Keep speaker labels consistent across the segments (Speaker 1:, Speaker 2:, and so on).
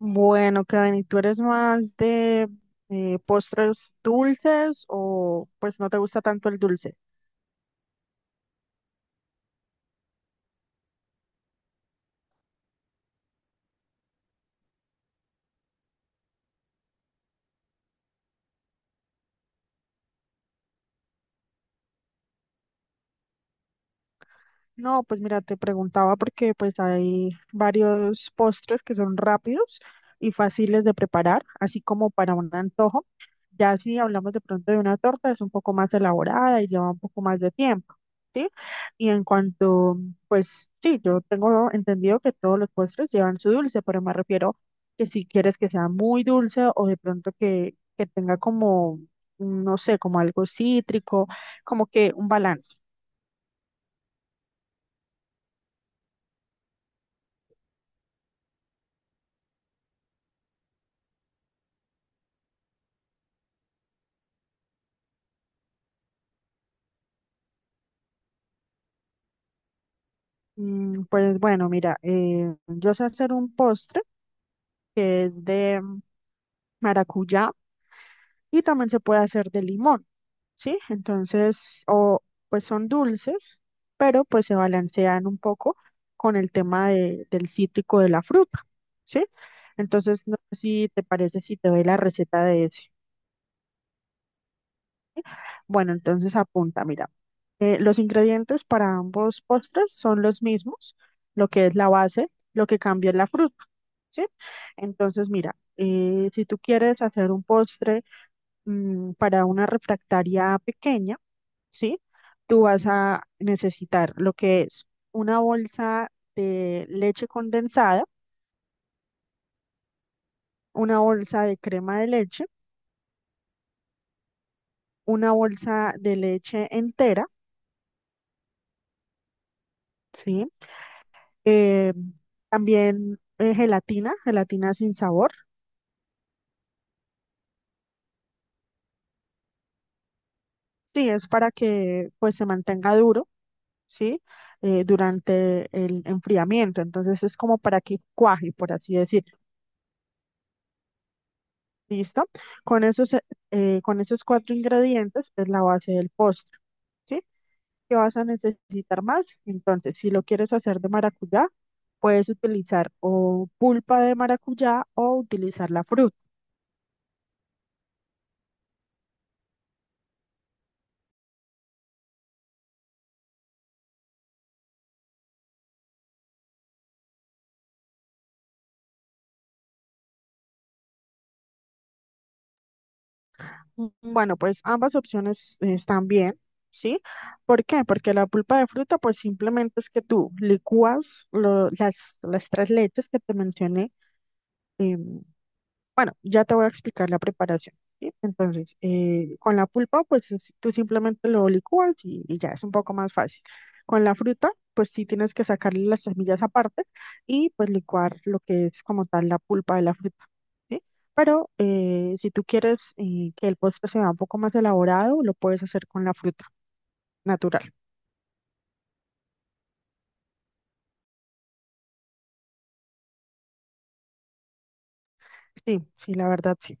Speaker 1: Bueno, Kevin, ¿y tú eres más de postres dulces o pues no te gusta tanto el dulce? No, pues mira, te preguntaba porque pues hay varios postres que son rápidos y fáciles de preparar, así como para un antojo. Ya si hablamos de pronto de una torta, es un poco más elaborada y lleva un poco más de tiempo, ¿sí? Y en cuanto, pues sí, yo tengo entendido que todos los postres llevan su dulce, pero me refiero que si quieres que sea muy dulce o de pronto que tenga como, no sé, como algo cítrico como que un balance. Pues bueno, mira, yo sé hacer un postre que es de maracuyá y también se puede hacer de limón. ¿Sí? Entonces, o pues son dulces, pero pues se balancean un poco con el tema del cítrico de la fruta, ¿sí? Entonces, no sé si te parece si te doy la receta de ese. Bueno, entonces apunta, mira. Los ingredientes para ambos postres son los mismos, lo que es la base, lo que cambia es la fruta, ¿sí? Entonces, mira, si tú quieres hacer un postre para una refractaria pequeña, ¿sí? Tú vas a necesitar lo que es una bolsa de leche condensada, una bolsa de crema de leche, una bolsa de leche entera, ¿sí? eh, También gelatina, gelatina sin sabor. Sí, es para que pues se mantenga duro, ¿sí? Durante el enfriamiento. Entonces es como para que cuaje, por así decir. ¿Listo? Con esos, eh, con esos cuatro ingredientes es la base del postre, ¿sí? ¿Qué vas a necesitar más? Entonces, si lo quieres hacer de maracuyá, puedes utilizar o pulpa de maracuyá o utilizar la fruta. Bueno, pues ambas opciones están bien, ¿sí? ¿Por qué? Porque la pulpa de fruta, pues simplemente es que tú licúas las tres leches que te mencioné, em, bueno, ya te voy a explicar la preparación, ¿sí? Entonces, con la pulpa, pues tú simplemente lo licúas y ya es un poco más fácil. Con la fruta, pues sí tienes que sacarle las semillas aparte y pues licuar lo que es como tal la pulpa de la fruta, ¿sí? Pero si tú quieres que el postre sea un poco más elaborado, lo puedes hacer con la fruta natural. Sí, sí, la verdad, sí.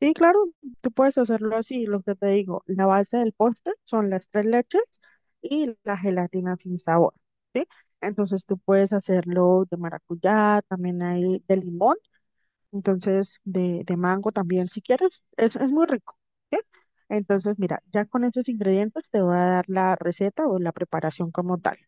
Speaker 1: Sí, claro, tú puedes hacerlo así, lo que te digo, la base del postre son las tres leches y la gelatina sin sabor, ¿sí? Entonces tú puedes hacerlo de maracuyá, también hay de limón, entonces de mango también si quieres, es muy rico, ¿sí? Entonces mira, ya con esos ingredientes te voy a dar la receta o la preparación como tal.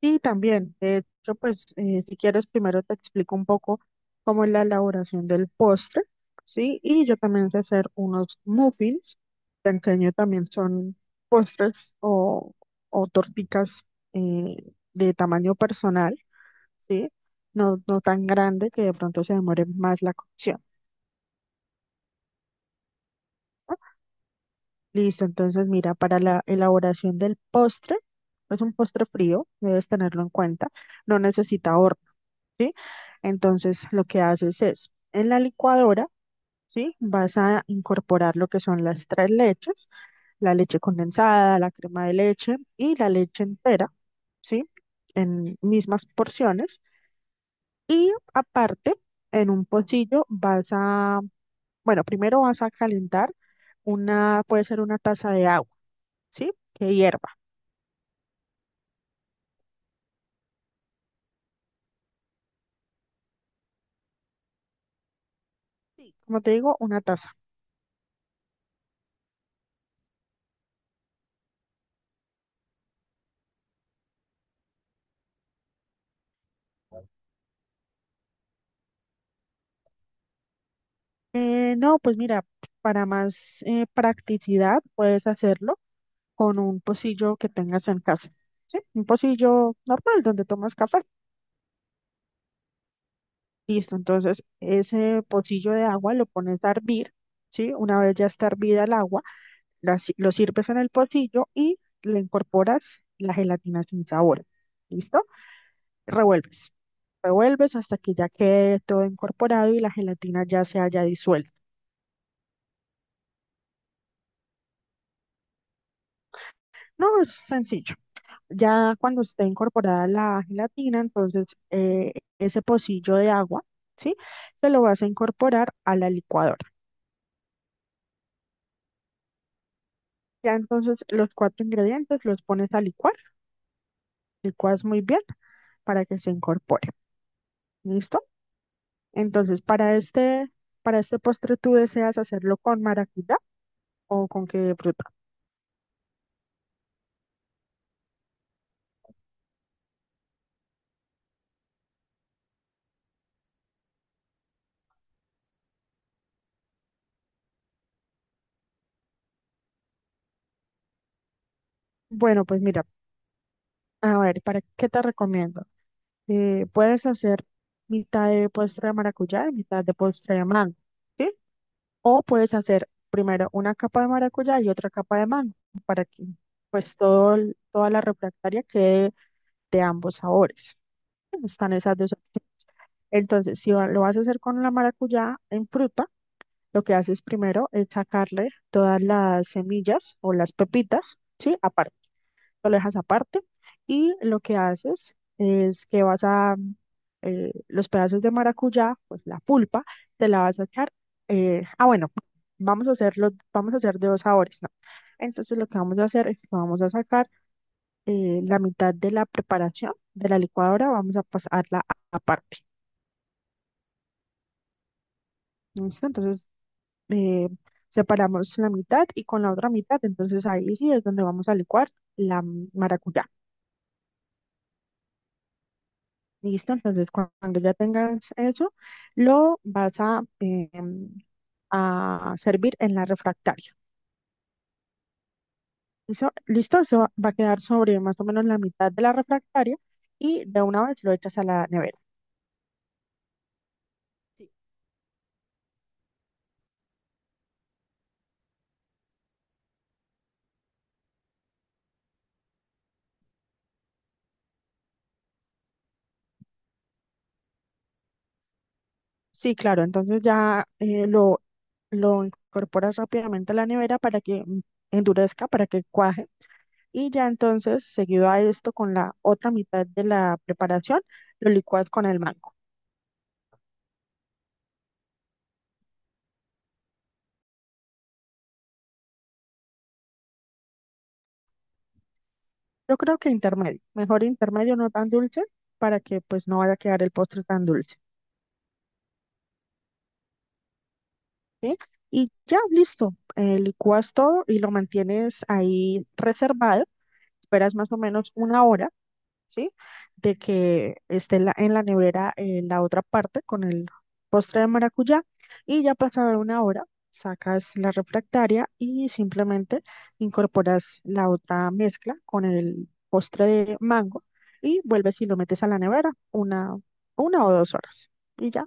Speaker 1: Sí, también. De hecho, pues si quieres, primero te explico un poco cómo es la elaboración del postre, ¿sí? Y yo también sé hacer unos muffins. Te enseño también son postres o torticas de tamaño personal, ¿sí? No, no tan grande que de pronto se demore más la cocción, ¿no? Listo, entonces mira, para la elaboración del postre, es un postre frío, debes tenerlo en cuenta, no necesita horno. ¿Sí? Entonces, lo que haces es, en la licuadora, ¿sí? Vas a incorporar lo que son las tres leches, la leche condensada, la crema de leche y la leche entera, ¿sí? En mismas porciones. Y aparte, en un pocillo bueno, primero vas a calentar una, puede ser una taza de agua, ¿sí? Que hierva. Sí. Como te digo, una taza. No, pues mira, para más practicidad puedes hacerlo con un pocillo que tengas en casa, ¿sí? Un pocillo normal donde tomas café. Listo, entonces ese pocillo de agua lo pones a hervir, ¿sí? Una vez ya está hervida el agua, la si- lo sirves en el pocillo y le incorporas la gelatina sin sabor, ¿listo? Revuelves, revuelves hasta que ya quede todo incorporado y la gelatina ya se haya disuelto. No, es sencillo. Ya cuando esté incorporada la gelatina, entonces ese pocillo de agua, ¿sí? Se lo vas a incorporar a la licuadora. Ya entonces los cuatro ingredientes los pones a licuar, licuas muy bien para que se incorpore, ¿listo? Entonces para este postre tú deseas hacerlo con maracuyá o con qué fruta. Bueno, pues mira, a ver, ¿para qué te recomiendo? Puedes hacer mitad de postre de maracuyá y mitad de postre de mango, ¿sí? O puedes hacer primero una capa de maracuyá y otra capa de mango para que pues todo, toda la refractaria quede de ambos sabores. Están esas dos opciones. Entonces, si va- lo vas a hacer con la maracuyá en fruta, lo que haces primero es sacarle todas las semillas o las pepitas, ¿sí? Lo dejas aparte y lo que haces es que vas a los pedazos de maracuyá, pues la pulpa, te la vas a echar. Bueno, vamos a hacer de dos sabores, ¿no? Entonces lo que vamos a hacer es que vamos a sacar la mitad de la preparación de la licuadora, vamos a pasarla aparte. ¿Listo? Entonces eh, separamos la mitad y con la otra mitad, entonces ahí sí es donde vamos a licuar la maracuyá. Listo, entonces cuando ya tengas eso, lo vas a servir en la refractaria. Eso- listo, eso va a quedar sobre más o menos la mitad de la refractaria y de una vez lo echas a la nevera. Sí. Sí, claro, entonces ya lo incorporas rápidamente a la nevera para que endurezca, para que cuaje. Y ya entonces, seguido a esto, con la otra mitad de la preparación, lo licuas con el mango. Yo creo que intermedio, mejor intermedio, no tan dulce, para que pues no vaya a quedar el postre tan dulce, ¿sí? Y ya, listo, licuas todo y lo mantienes ahí reservado, esperas más o menos una hora. ¿Sí? De que esté en la nevera la otra parte con el postre de maracuyá y ya pasada una hora sacas la refractaria y simplemente incorporas la otra mezcla con el postre de mango y vuelves y lo metes a la nevera una o 2 horas. Y ya.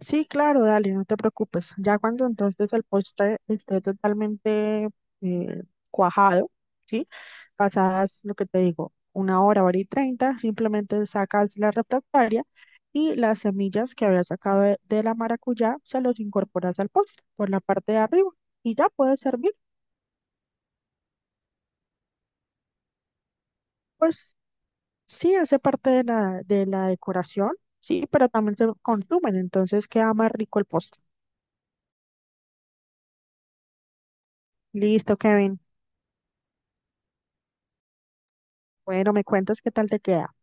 Speaker 1: Sí, claro, dale, no te preocupes. Ya cuando entonces el postre esté totalmente eh, cuajado, ¿sí? Pasadas lo que te digo, una hora, hora y 30, simplemente sacas la refractaria y las semillas que habías sacado de la maracuyá se los incorporas al postre por la parte de arriba y ya puede servir. Pues sí, hace parte de la decoración, sí, pero también se consumen, entonces queda más rico el postre. Listo, Kevin. Bueno, me cuentas qué tal te queda.